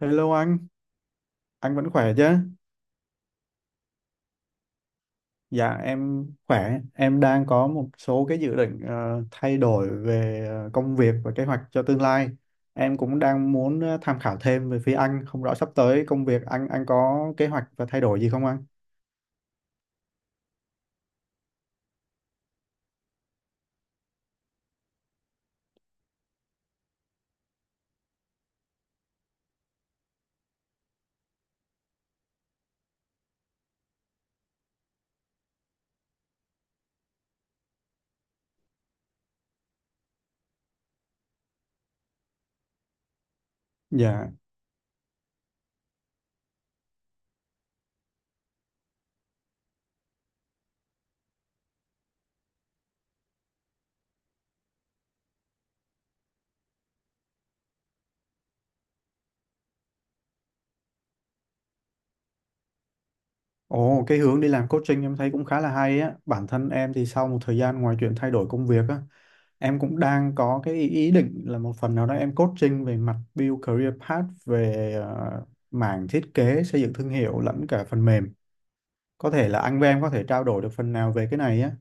Hello anh vẫn khỏe chứ? Dạ em khỏe, em đang có một số cái dự định thay đổi về công việc và kế hoạch cho tương lai. Em cũng đang muốn tham khảo thêm về phía anh, không rõ sắp tới công việc anh có kế hoạch và thay đổi gì không anh? Dạ. Ồ, cái hướng đi làm coaching em thấy cũng khá là hay á. Bản thân em thì sau một thời gian ngoài chuyện thay đổi công việc á, em cũng đang có cái ý ý định là một phần nào đó em coaching về mặt build career path về mảng thiết kế, xây dựng thương hiệu lẫn cả phần mềm. Có thể là anh với em có thể trao đổi được phần nào về cái này á.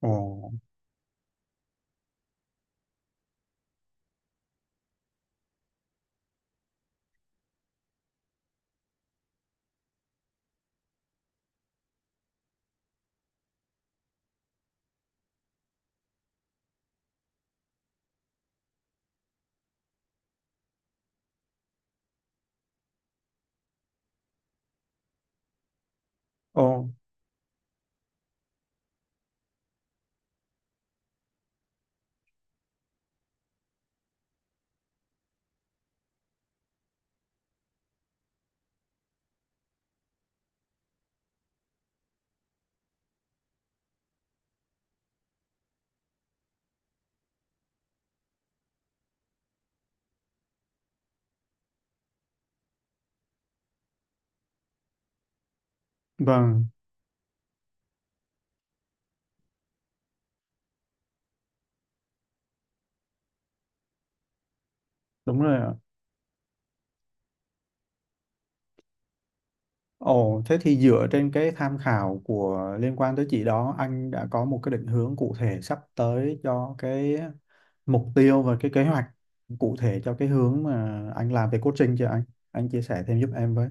Ồ, ồ, vâng, đúng rồi ạ. Ồ, thế thì dựa trên cái tham khảo của liên quan tới chị đó, anh đã có một cái định hướng cụ thể sắp tới cho cái mục tiêu và cái kế hoạch cụ thể cho cái hướng mà anh làm về coaching chưa anh? Anh chia sẻ thêm giúp em với.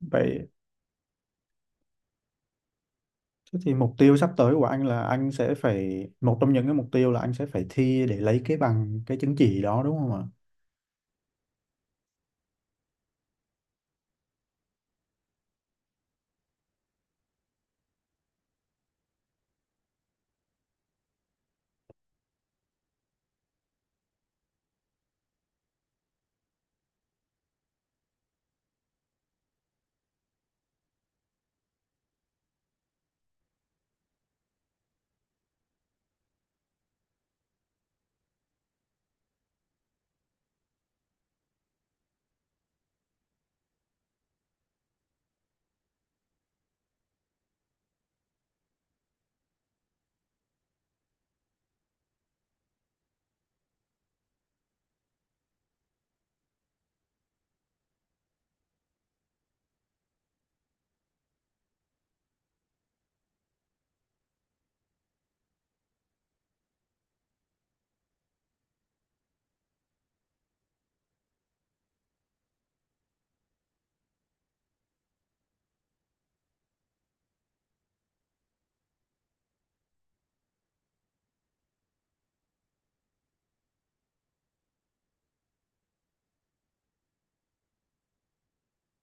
Vậy thế thì mục tiêu sắp tới của anh là anh sẽ phải một trong những cái mục tiêu là anh sẽ phải thi để lấy cái bằng cái chứng chỉ đó đúng không ạ?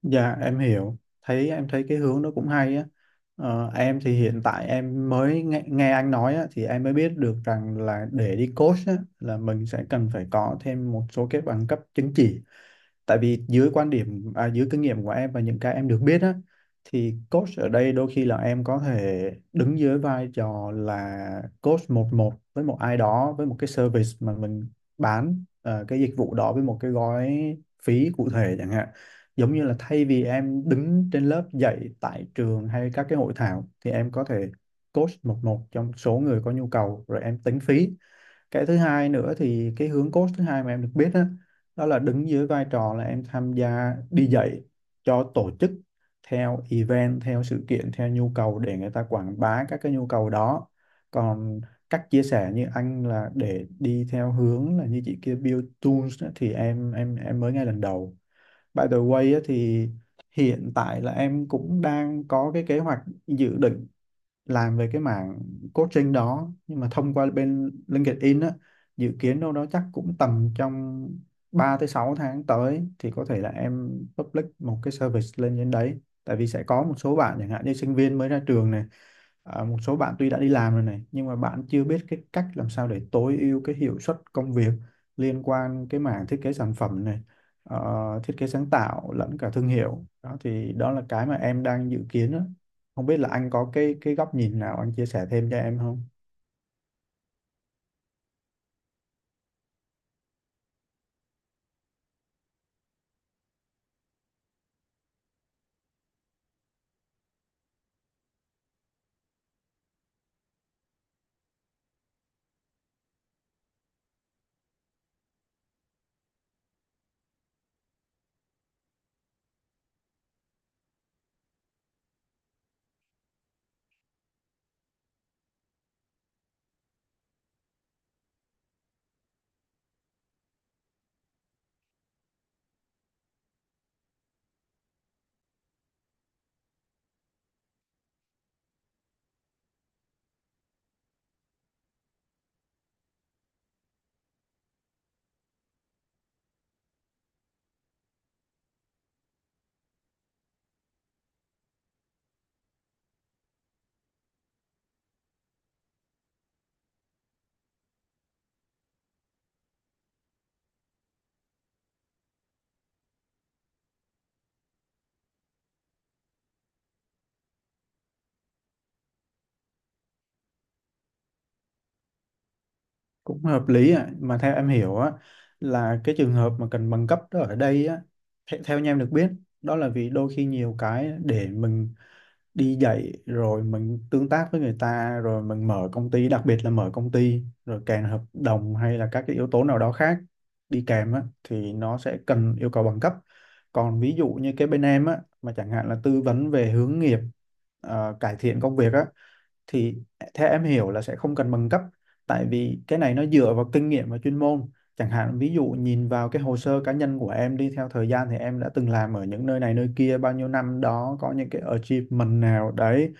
Dạ em hiểu, thấy em thấy cái hướng đó cũng hay á. Em thì hiện tại em mới nghe anh nói á, thì em mới biết được rằng là để đi coach á, là mình sẽ cần phải có thêm một số cái bằng cấp chứng chỉ. Tại vì dưới quan điểm à, dưới kinh nghiệm của em và những cái em được biết á, thì coach ở đây đôi khi là em có thể đứng dưới vai trò là coach một một với một ai đó với một cái service mà mình bán cái dịch vụ đó với một cái gói phí cụ thể chẳng hạn, giống như là thay vì em đứng trên lớp dạy tại trường hay các cái hội thảo thì em có thể coach một một trong số người có nhu cầu rồi em tính phí. Cái thứ hai nữa thì cái hướng coach thứ hai mà em được biết đó, đó là đứng dưới vai trò là em tham gia đi dạy cho tổ chức theo event, theo sự kiện, theo nhu cầu để người ta quảng bá các cái nhu cầu đó. Còn cách chia sẻ như anh là để đi theo hướng là như chị kia build tools á, thì em mới nghe lần đầu. By the way á, thì hiện tại là em cũng đang có cái kế hoạch, dự định làm về cái mảng coaching đó nhưng mà thông qua bên LinkedIn á, dự kiến đâu đó chắc cũng tầm trong 3 tới 6 tháng tới thì có thể là em public một cái service lên trên đấy. Tại vì sẽ có một số bạn chẳng hạn như sinh viên mới ra trường này. À, một số bạn tuy đã đi làm rồi này nhưng mà bạn chưa biết cái cách làm sao để tối ưu cái hiệu suất công việc liên quan cái mảng thiết kế sản phẩm này, ờ, thiết kế sáng tạo lẫn cả thương hiệu đó thì đó là cái mà em đang dự kiến đó. Không biết là anh có cái góc nhìn nào anh chia sẻ thêm cho em không? Cũng hợp lý ạ. Mà theo em hiểu á, là cái trường hợp mà cần bằng cấp đó ở đây á, theo như em được biết, đó là vì đôi khi nhiều cái để mình đi dạy rồi mình tương tác với người ta rồi mình mở công ty, đặc biệt là mở công ty rồi kèm hợp đồng hay là các cái yếu tố nào đó khác đi kèm á, thì nó sẽ cần yêu cầu bằng cấp. Còn ví dụ như cái bên em á mà chẳng hạn là tư vấn về hướng nghiệp, cải thiện công việc á, thì theo em hiểu là sẽ không cần bằng cấp. Tại vì cái này nó dựa vào kinh nghiệm và chuyên môn, chẳng hạn ví dụ nhìn vào cái hồ sơ cá nhân của em đi, theo thời gian thì em đã từng làm ở những nơi này nơi kia bao nhiêu năm đó, có những cái achievement nào đấy,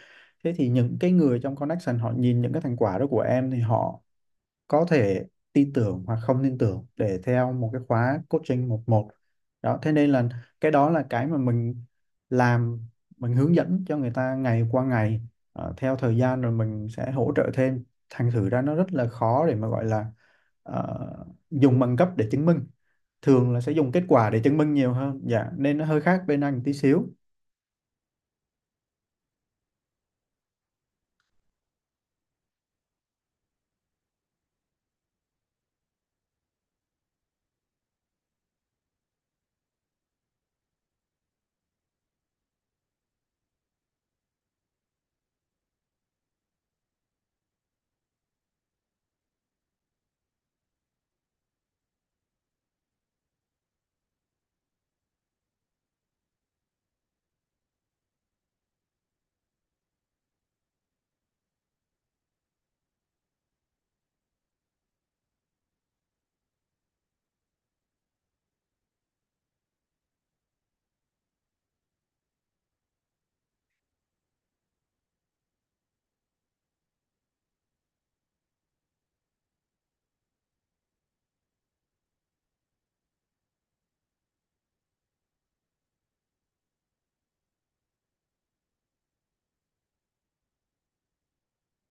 thế thì những cái người trong connection họ nhìn những cái thành quả đó của em thì họ có thể tin tưởng hoặc không tin tưởng để theo một cái khóa coaching một một. Đó thế nên là cái đó là cái mà mình làm, mình hướng dẫn cho người ta ngày qua ngày. Ờ, theo thời gian rồi mình sẽ hỗ trợ thêm, thành thử ra nó rất là khó để mà gọi là ờ, dùng bằng cấp để chứng minh, thường là sẽ dùng kết quả để chứng minh nhiều hơn. Dạ nên nó hơi khác bên anh tí xíu.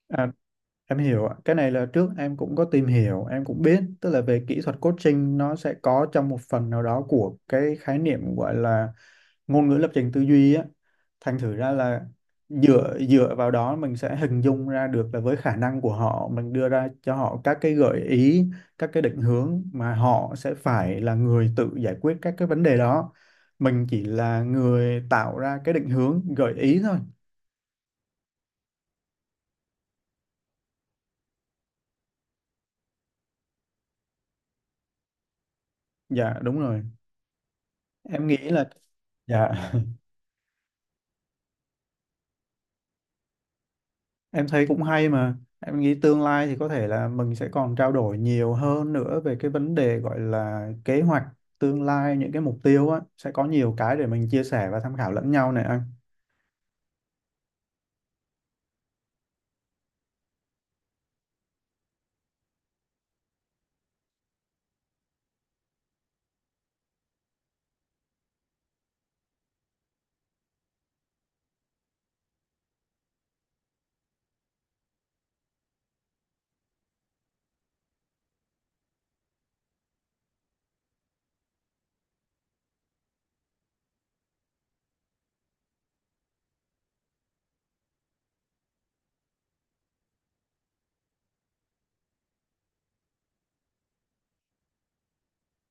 Ờ, em hiểu ạ. Cái này là trước em cũng có tìm hiểu, em cũng biết, tức là về kỹ thuật coaching nó sẽ có trong một phần nào đó của cái khái niệm gọi là ngôn ngữ lập trình tư duy á. Thành thử ra là dựa dựa vào đó mình sẽ hình dung ra được là với khả năng của họ mình đưa ra cho họ các cái gợi ý, các cái định hướng mà họ sẽ phải là người tự giải quyết các cái vấn đề đó. Mình chỉ là người tạo ra cái định hướng, gợi ý thôi. Dạ đúng rồi. Em nghĩ là, dạ, em thấy cũng hay mà. Em nghĩ tương lai thì có thể là mình sẽ còn trao đổi nhiều hơn nữa về cái vấn đề gọi là kế hoạch tương lai, những cái mục tiêu á. Sẽ có nhiều cái để mình chia sẻ và tham khảo lẫn nhau này anh.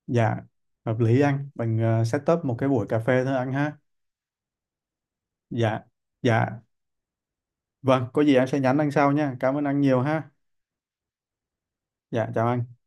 Dạ, hợp lý anh. Mình set up một cái buổi cà phê thôi anh ha. Dạ, dạ. Vâng, có gì em sẽ nhắn anh sau nha. Cảm ơn anh nhiều ha. Dạ, chào anh.